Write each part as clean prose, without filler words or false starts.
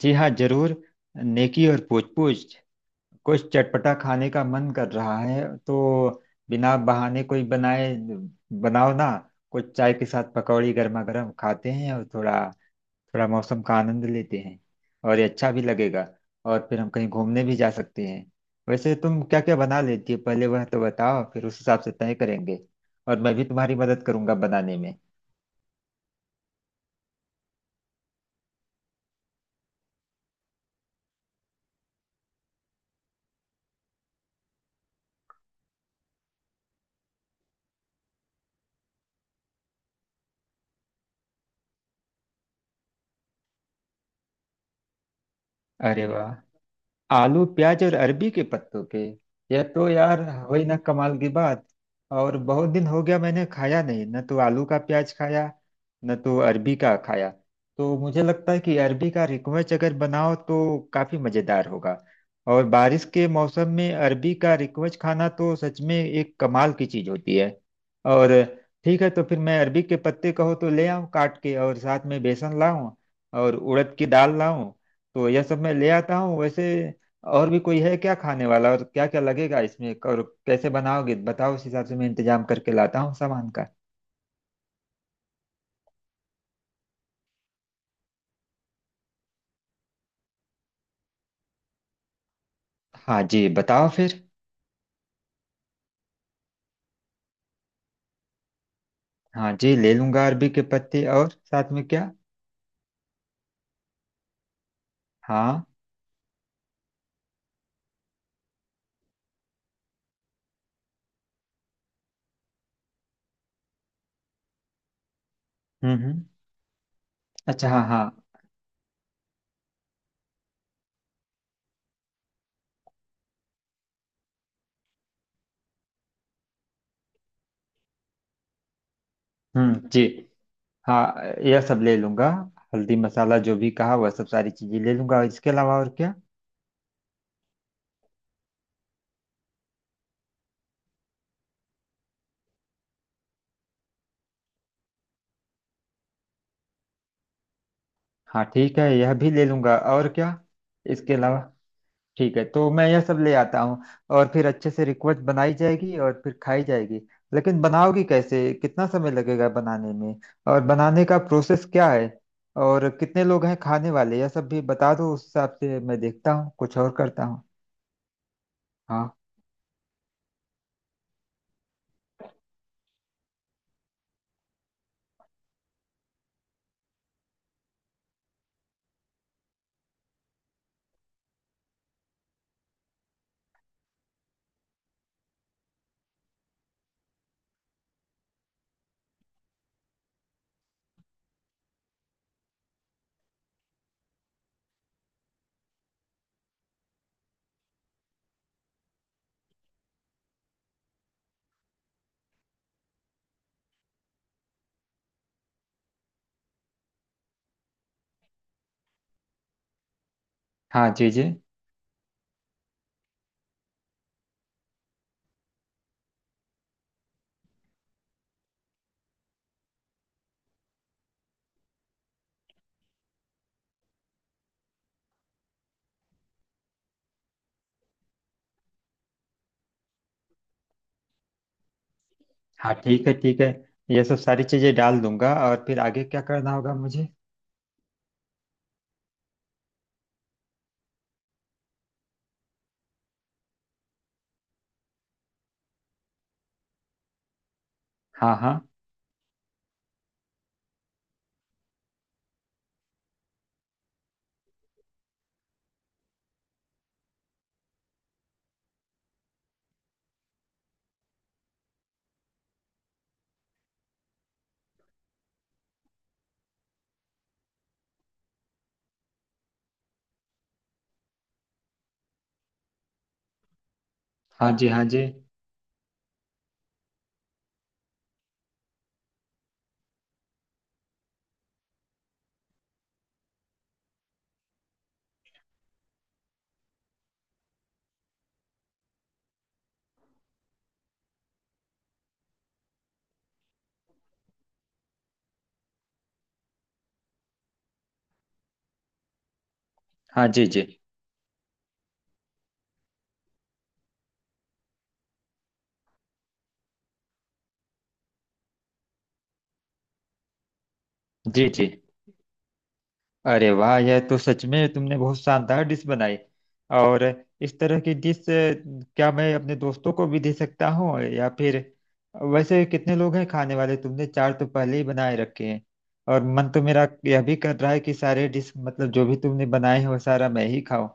जी हाँ, जरूर। नेकी और पूछ पूछ। कुछ चटपटा खाने का मन कर रहा है तो बिना बहाने कोई बनाए, बनाओ ना। कुछ चाय के साथ पकौड़ी गर्मा गर्म खाते हैं और थोड़ा थोड़ा मौसम का आनंद लेते हैं, और ये अच्छा भी लगेगा। और फिर हम कहीं घूमने भी जा सकते हैं। वैसे तुम क्या क्या बना लेती हो, पहले वह तो बताओ, फिर उस हिसाब से तय करेंगे। और मैं भी तुम्हारी मदद करूंगा बनाने में। अरे वाह, आलू प्याज और अरबी के पत्तों पे! यह तो यार वही ना, कमाल की बात। और बहुत दिन हो गया मैंने खाया नहीं, न तो आलू का प्याज खाया, न तो अरबी का खाया। तो मुझे लगता है कि अरबी का रिकवेच अगर बनाओ तो काफी मजेदार होगा। और बारिश के मौसम में अरबी का रिकवेच खाना तो सच में एक कमाल की चीज होती है। और ठीक है, तो फिर मैं अरबी के पत्ते कहो तो ले आऊं काट के, और साथ में बेसन लाऊं और उड़द की दाल लाऊं। तो यह सब मैं ले आता हूँ। वैसे, और भी कोई है क्या खाने वाला? और क्या क्या लगेगा इसमें और कैसे बनाओगे, बताओ। उस हिसाब से मैं इंतजाम करके लाता हूँ सामान का। हाँ जी, बताओ फिर। हाँ जी, ले लूंगा अरबी के पत्ते। और साथ में क्या? हाँ। हम्म, हम्म। अच्छा, हाँ हाँ। जी। हाँ, यह सब ले लूंगा। हल्दी मसाला जो भी कहा वह सब सारी चीजें ले लूंगा। इसके अलावा और क्या? हाँ ठीक है, यह भी ले लूंगा। और क्या इसके अलावा? ठीक है, तो मैं यह सब ले आता हूँ। और फिर अच्छे से रिक्वेस्ट बनाई जाएगी और फिर खाई जाएगी। लेकिन बनाओगी कैसे? कितना समय लगेगा बनाने में? और बनाने का प्रोसेस क्या है? और कितने लोग हैं खाने वाले, यह सब भी बता दो। उस हिसाब से मैं देखता हूँ कुछ और करता हूँ। हाँ। हाँ जी जी। हाँ ठीक है, ठीक है। यह सब सारी चीज़ें डाल दूंगा। और फिर आगे क्या करना होगा मुझे? हाँ, हाँ। हाँ जी, हाँ जी। हाँ जी जी। जी जी। अरे वाह, यह तो सच में तुमने बहुत शानदार डिश बनाई। और इस तरह की डिश क्या मैं अपने दोस्तों को भी दे सकता हूँ या फिर? वैसे कितने लोग हैं खाने वाले, तुमने चार तो पहले ही बनाए रखे हैं। और मन तो मेरा यह भी कर रहा है कि सारे डिश मतलब जो भी तुमने बनाए हैं वो सारा मैं ही खाऊं।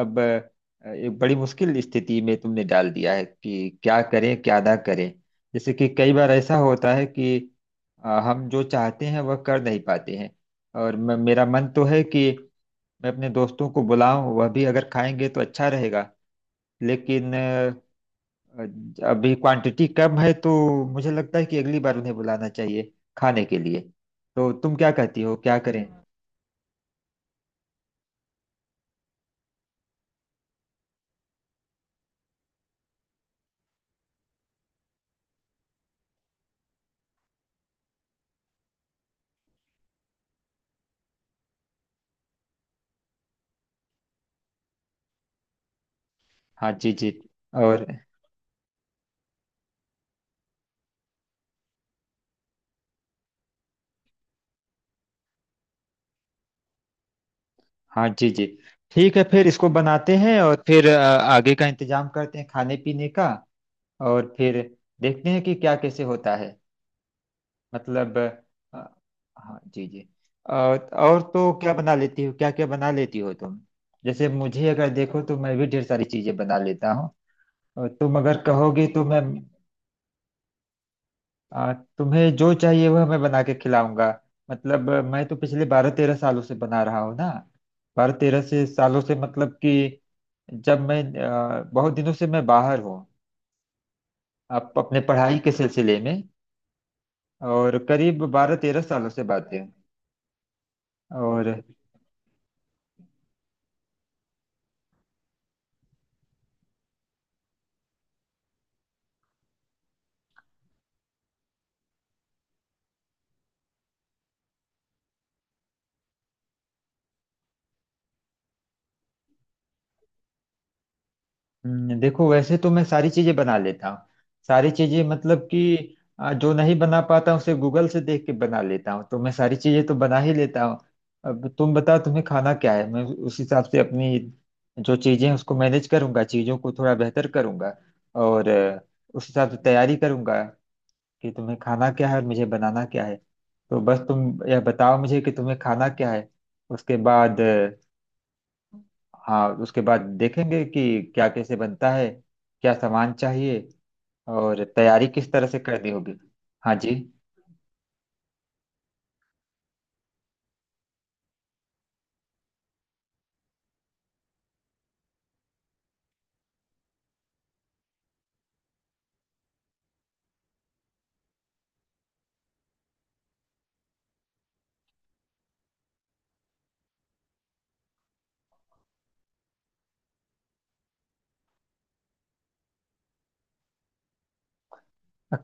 अब एक बड़ी मुश्किल स्थिति में तुमने डाल दिया है कि क्या करें क्या ना करें। जैसे कि कई बार ऐसा होता है कि हम जो चाहते हैं वह कर नहीं पाते हैं। और मेरा मन तो है कि मैं अपने दोस्तों को बुलाऊं, वह भी अगर खाएंगे तो अच्छा रहेगा। लेकिन अभी क्वांटिटी कम है तो मुझे लगता है कि अगली बार उन्हें बुलाना चाहिए खाने के लिए। तो तुम क्या कहती हो, क्या करें? हाँ जी जी। और हाँ जी जी। ठीक है फिर इसको बनाते हैं और फिर आगे का इंतजाम करते हैं खाने पीने का। और फिर देखते हैं कि क्या कैसे होता है। मतलब अ, हाँ जी जी। और तो क्या बना लेती हो, क्या क्या बना लेती हो तुम? जैसे मुझे अगर देखो तो मैं भी ढेर सारी चीजें बना लेता हूँ। और तुम अगर कहोगी तो मैं तुम्हें जो चाहिए वह मैं बना के खिलाऊंगा। मतलब मैं तो पिछले बारह तेरह सालों से बना रहा हूँ ना। बारह तेरह से सालों से मतलब कि जब मैं बहुत दिनों से मैं बाहर हूँ। आप अपने पढ़ाई के सिलसिले में। और करीब बारह तेरह सालों से बातें। और देखो वैसे तो मैं सारी चीजें बना लेता हूँ। सारी चीजें मतलब कि जो नहीं बना पाता हूँ उसे गूगल से देख के बना लेता हूँ, तो मैं सारी चीजें तो बना ही लेता हूँ। अब तुम बताओ तुम्हें खाना क्या है, मैं उस हिसाब से अपनी जो चीजें हैं उसको मैनेज करूंगा, चीजों को थोड़ा बेहतर करूंगा। और उस हिसाब से तैयारी करूंगा कि तुम्हें खाना क्या है और मुझे बनाना क्या है। तो बस तुम यह बताओ मुझे कि तुम्हें खाना क्या है, उसके बाद हाँ उसके बाद देखेंगे कि क्या कैसे बनता है, क्या सामान चाहिए और तैयारी किस तरह से करनी होगी। हाँ जी।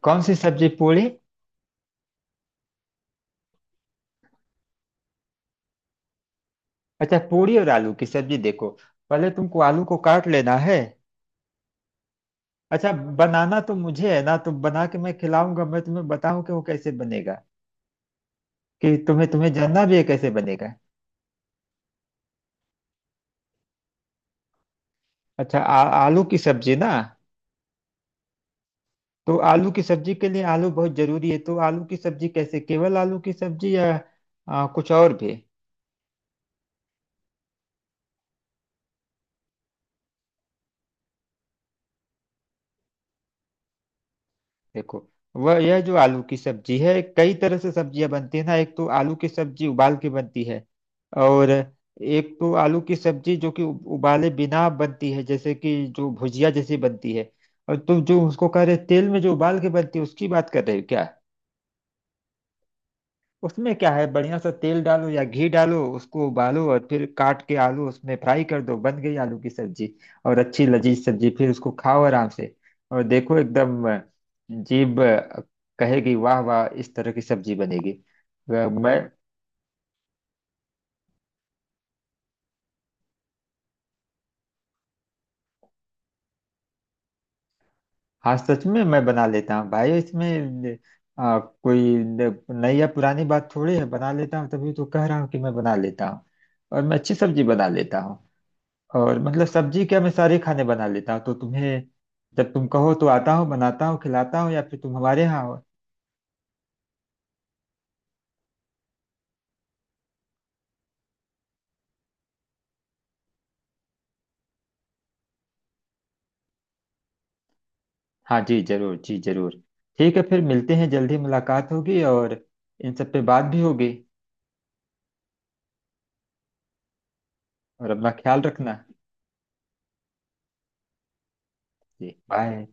कौन सी सब्जी पूरी? अच्छा, पूरी और आलू की सब्जी। देखो, पहले तुमको आलू को काट लेना है। अच्छा, बनाना तो मुझे है ना, तो बना के मैं खिलाऊंगा। मैं तुम्हें बताऊं कि वो कैसे बनेगा? कि तुम्हें तुम्हें जानना भी है कैसे बनेगा? अच्छा आलू की सब्जी ना। तो आलू की सब्जी के लिए आलू बहुत जरूरी है। तो आलू की सब्जी कैसे, केवल आलू की सब्जी या कुछ और भी? देखो, वह यह जो आलू की सब्जी है, कई तरह से सब्जियां बनती है ना। एक तो आलू की सब्जी उबाल के बनती है। और एक तो आलू की सब्जी जो कि उबाले बिना बनती है, जैसे कि जो भुजिया जैसी बनती है। और तुम जो उसको कह रहे तेल में जो उबाल के बनती है, उसकी बात कर रहे हो क्या? उसमें क्या है, बढ़िया सा तेल डालो या घी डालो, उसको उबालो और फिर काट के आलू उसमें फ्राई कर दो। बन गई आलू की सब्जी। और अच्छी लजीज सब्जी, फिर उसको खाओ आराम से। और देखो एकदम जीभ कहेगी वाह वाह। इस तरह की सब्जी बनेगी। मैं हाँ, सच में मैं बना लेता हूँ भाई। इसमें कोई नई या पुरानी बात थोड़ी है, बना लेता हूँ तभी तो कह रहा हूँ कि मैं बना लेता हूँ। और मैं अच्छी सब्जी बना लेता हूँ। और मतलब सब्जी क्या, मैं सारे खाने बना लेता हूँ। तो तुम्हें, जब तुम कहो तो आता हूँ बनाता हूँ खिलाता हूँ, या फिर तुम हमारे यहाँ हो। हाँ जी, जरूर जी जरूर। ठीक है, फिर मिलते हैं, जल्दी मुलाकात होगी और इन सब पे बात भी होगी। और अपना ख्याल रखना। जी, बाय।